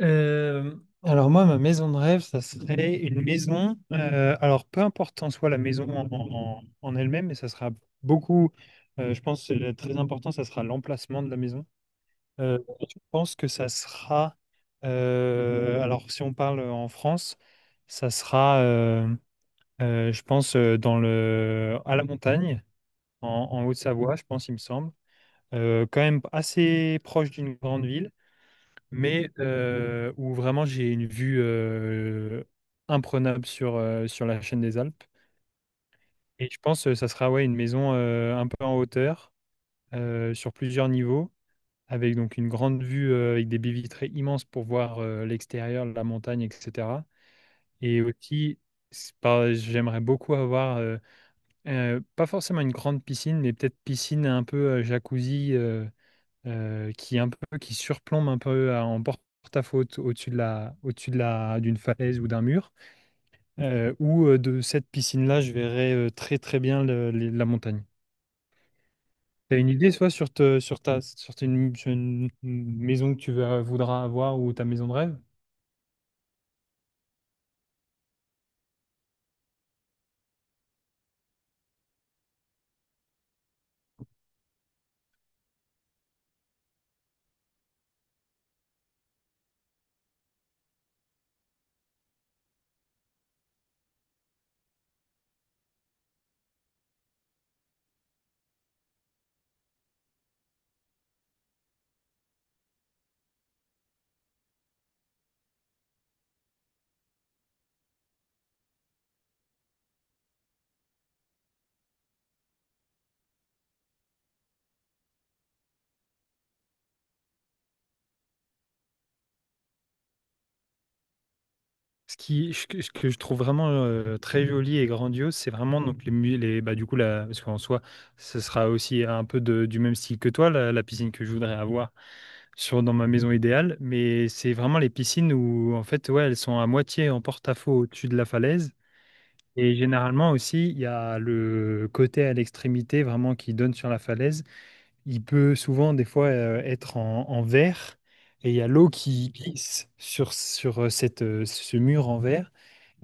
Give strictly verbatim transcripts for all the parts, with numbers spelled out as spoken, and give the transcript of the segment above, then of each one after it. Euh, alors moi, ma maison de rêve, ça serait une maison. euh, alors peu importe en soi la maison en, en- en elle-même, mais ça sera beaucoup. euh, je pense que le très important, ça sera l'emplacement de la maison. Euh, je pense que ça sera. euh, alors si on parle en France, ça sera, euh, euh, je pense, euh, dans le à la montagne, en, en Haute-Savoie, je pense, il me semble. Euh, quand même assez proche d'une grande ville, mais euh, où vraiment j'ai une vue euh, imprenable sur, euh, sur la chaîne des Alpes. Et je pense que ça sera, ouais, une maison euh, un peu en hauteur, euh, sur plusieurs niveaux, avec donc une grande vue euh, avec des baies vitrées immenses pour voir euh, l'extérieur, la montagne, et cetera. Et aussi, c'est pas- j'aimerais beaucoup avoir, euh, euh, pas forcément une grande piscine, mais peut-être piscine un peu euh, jacuzzi. euh, euh, qui est un peu qui surplombe un peu à- en porte-à-faux au- au-dessus de la au-dessus de la d'une falaise ou d'un mur. Euh, ou euh, de cette piscine-là, je verrais euh, très très bien le- le- la montagne. T'as une idée soit sur te- sur ta sur tes- une, sur une- une maison que tu veux- voudras avoir, ou ta maison de rêve? Ce qui, ce que ce que je trouve vraiment euh, très joli et grandiose, c'est vraiment donc les, mu- les bah du coup la, parce qu'en soi, ce sera aussi un peu de- du même style que toi, la, la piscine que je voudrais avoir sur dans ma maison idéale, mais c'est vraiment les piscines où en fait, ouais, elles sont à moitié en porte-à-faux au-dessus de la falaise. Et généralement aussi, il y a le côté à l'extrémité vraiment qui donne sur la falaise. Il peut souvent des fois euh, être en, en verre, et il y a l'eau qui glisse sur, sur euh, cette, euh, ce mur en verre.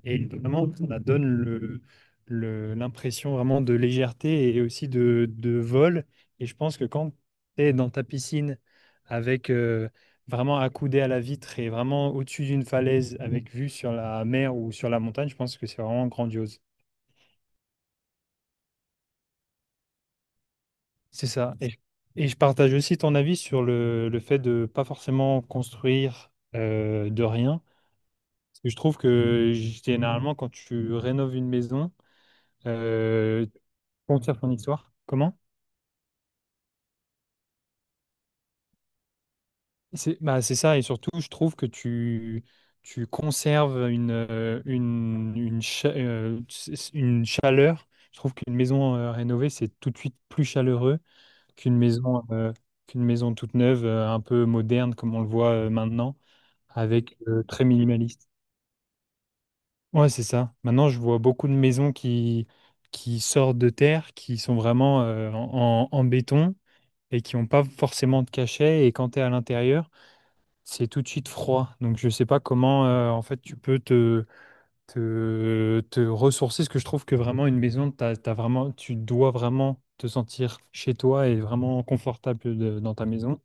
Et vraiment, ça donne le, le- l'impression vraiment de légèreté et aussi de, de vol. Et je pense que quand tu es dans ta piscine avec euh, vraiment accoudé à la vitre et vraiment au-dessus d'une falaise avec vue sur la mer ou sur la montagne, je pense que c'est vraiment grandiose. C'est ça. Et, je et je partage aussi ton avis sur le, le fait de pas forcément construire euh, de rien. Parce que je trouve que généralement, quand tu rénoves une maison, euh, tu construis ton histoire. Comment? C'est bah, c'est ça, et surtout, je trouve que tu, tu conserves une, euh, une, une, cha- euh, c- c- une chaleur. Je trouve qu'une maison euh, rénovée, c'est tout de suite plus chaleureux qu'une maison, euh, qu'une maison toute neuve, euh, un peu moderne, comme on le voit euh, maintenant, avec euh, très minimaliste. Ouais, c'est ça. Maintenant, je vois beaucoup de maisons qui, qui sortent de terre, qui sont vraiment euh, en, en béton et qui n'ont pas forcément de cachet. Et quand tu es à l'intérieur, c'est tout de suite froid, donc je sais pas comment euh, en fait tu peux te, te, te ressourcer, parce que je trouve que vraiment une maison, t'as, t'as vraiment, tu dois vraiment te sentir chez toi et vraiment confortable de- dans ta maison.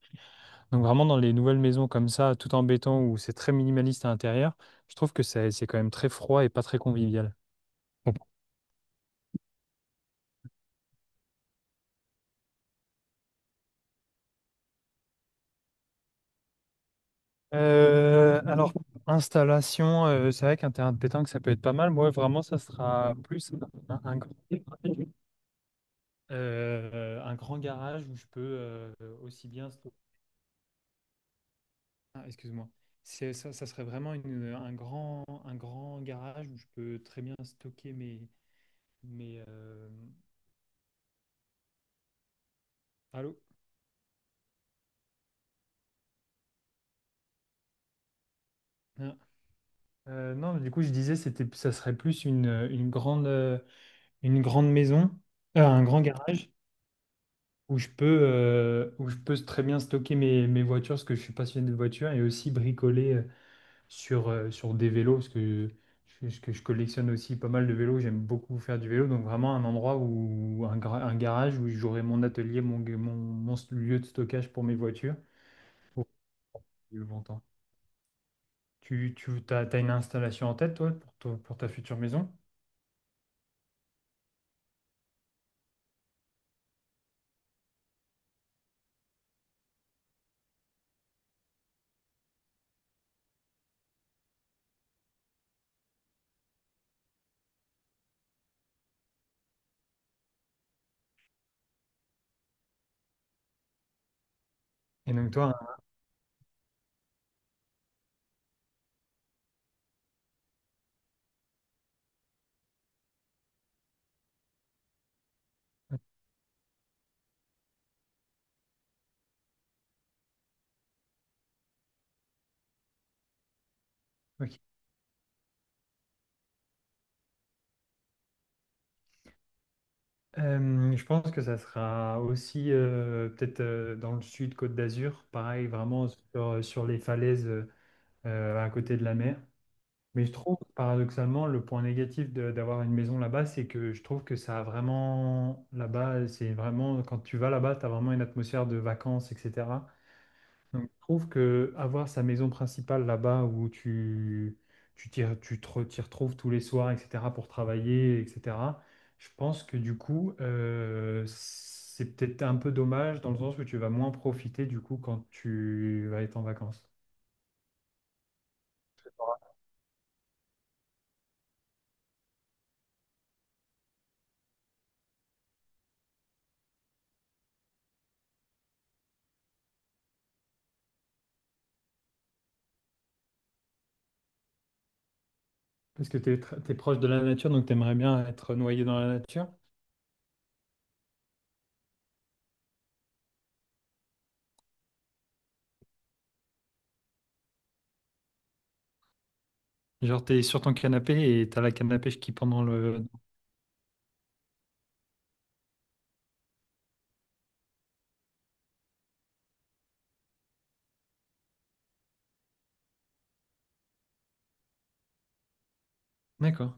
Donc vraiment dans les nouvelles maisons comme ça, tout en béton, où c'est très minimaliste à l'intérieur, je trouve que c'est c'est quand même très froid et pas très convivial. Bon. Euh, alors, installation, euh, c'est vrai qu'un terrain de pétanque, ça peut être pas mal. Moi, vraiment, ça sera plus un, un grand. euh, un grand garage où je peux euh, aussi bien. sto- Ah, excuse-moi. C'est, ça, ça serait vraiment une- un grand, un grand garage où je peux très bien stocker mes. mes euh, Allô? Ah. Euh, non, mais du coup, je disais, c'était, ça serait plus une, une grande, euh, une grande maison, euh, un grand garage où je peux, euh, où je peux très bien stocker mes, mes voitures parce que je suis passionné de voitures et aussi bricoler. euh, sur, euh, sur des vélos, parce que je, je- que je collectionne aussi pas mal de vélos, j'aime beaucoup faire du vélo, donc vraiment un endroit où un, gra- un garage où j'aurai mon atelier, mon, mon, mon lieu de stockage pour mes voitures pour plus longtemps. Tu, tu t'as, t'as une installation en tête, toi, pour, toi- pour ta future maison? Et donc toi, un- ok. Euh, je pense que ça sera aussi euh, peut-être euh, dans le sud, Côte d'Azur, pareil, vraiment sur, sur les falaises euh, à côté de la mer. Mais je trouve, paradoxalement, le point négatif de- d'avoir une maison là-bas, c'est que je trouve que ça a vraiment, là-bas, c'est vraiment, quand tu vas là-bas, tu as vraiment une atmosphère de vacances, et cetera. Donc, je trouve que avoir sa maison principale là-bas où tu, tu, t'y- tu te re- t'y retrouves tous les soirs, et cetera, pour travailler, et cetera, je pense que du coup, euh, c'est peut-être un peu dommage dans le sens où tu vas moins profiter du coup quand tu vas être en vacances. Parce que t'es, tr- t'es proche de la nature, donc t'aimerais bien être noyé dans la nature. Genre, t'es sur ton canapé et t'as la canne à pêche qui pendant le. D'accord.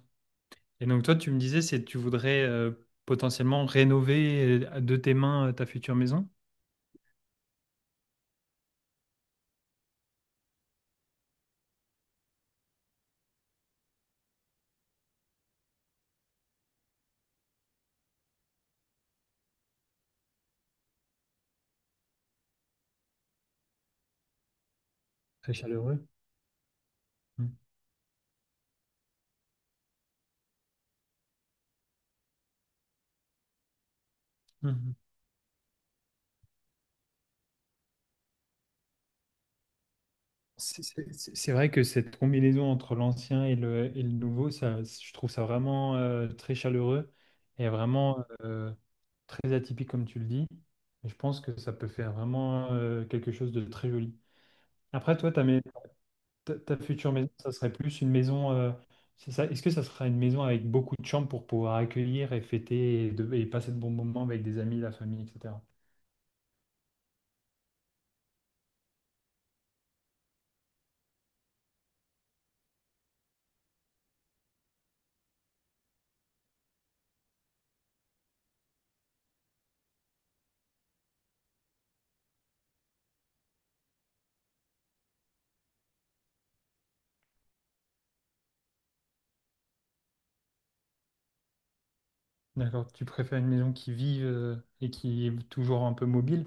Et donc toi, tu me disais, c'est tu voudrais euh, potentiellement rénover euh, de tes mains euh, ta future maison. Très chaleureux. Mm. Mhm. C'est c'est- c'est- c'est vrai que cette combinaison entre l'ancien et le, et le nouveau, ça, je trouve ça vraiment euh, très chaleureux et vraiment euh, très atypique, comme tu le dis. Et je pense que ça peut faire vraiment euh, quelque chose de très joli. Après, toi, ta, mais- ta, ta future maison, ça serait plus une maison. euh, c'est ça. Est-ce que ça sera une maison avec beaucoup de chambres pour pouvoir accueillir et fêter et, de- et passer de bons moments avec des amis, la famille, et cetera. D'accord. Tu préfères une maison qui vive euh, et qui est toujours un peu mobile?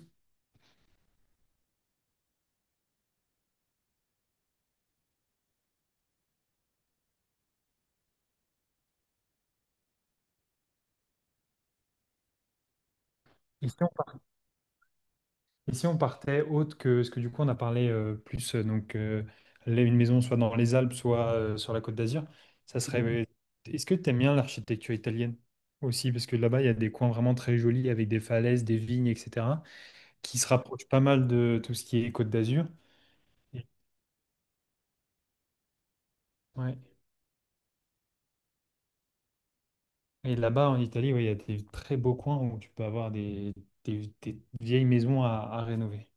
Et si on par- et si on partait autre que ce que du coup on a parlé euh, plus euh, donc euh, là, une maison soit dans les Alpes, soit euh, sur la Côte d'Azur, ça serait. euh, Est-ce que tu aimes bien l'architecture italienne aussi? Parce que là-bas, il y a des coins vraiment très jolis avec des falaises, des vignes, et cetera qui se rapproche pas mal de tout ce qui est Côte d'Azur. Et, ouais. Et là-bas, en Italie, ouais, il y a des très beaux coins où tu peux avoir des, des- des vieilles maisons à, à rénover.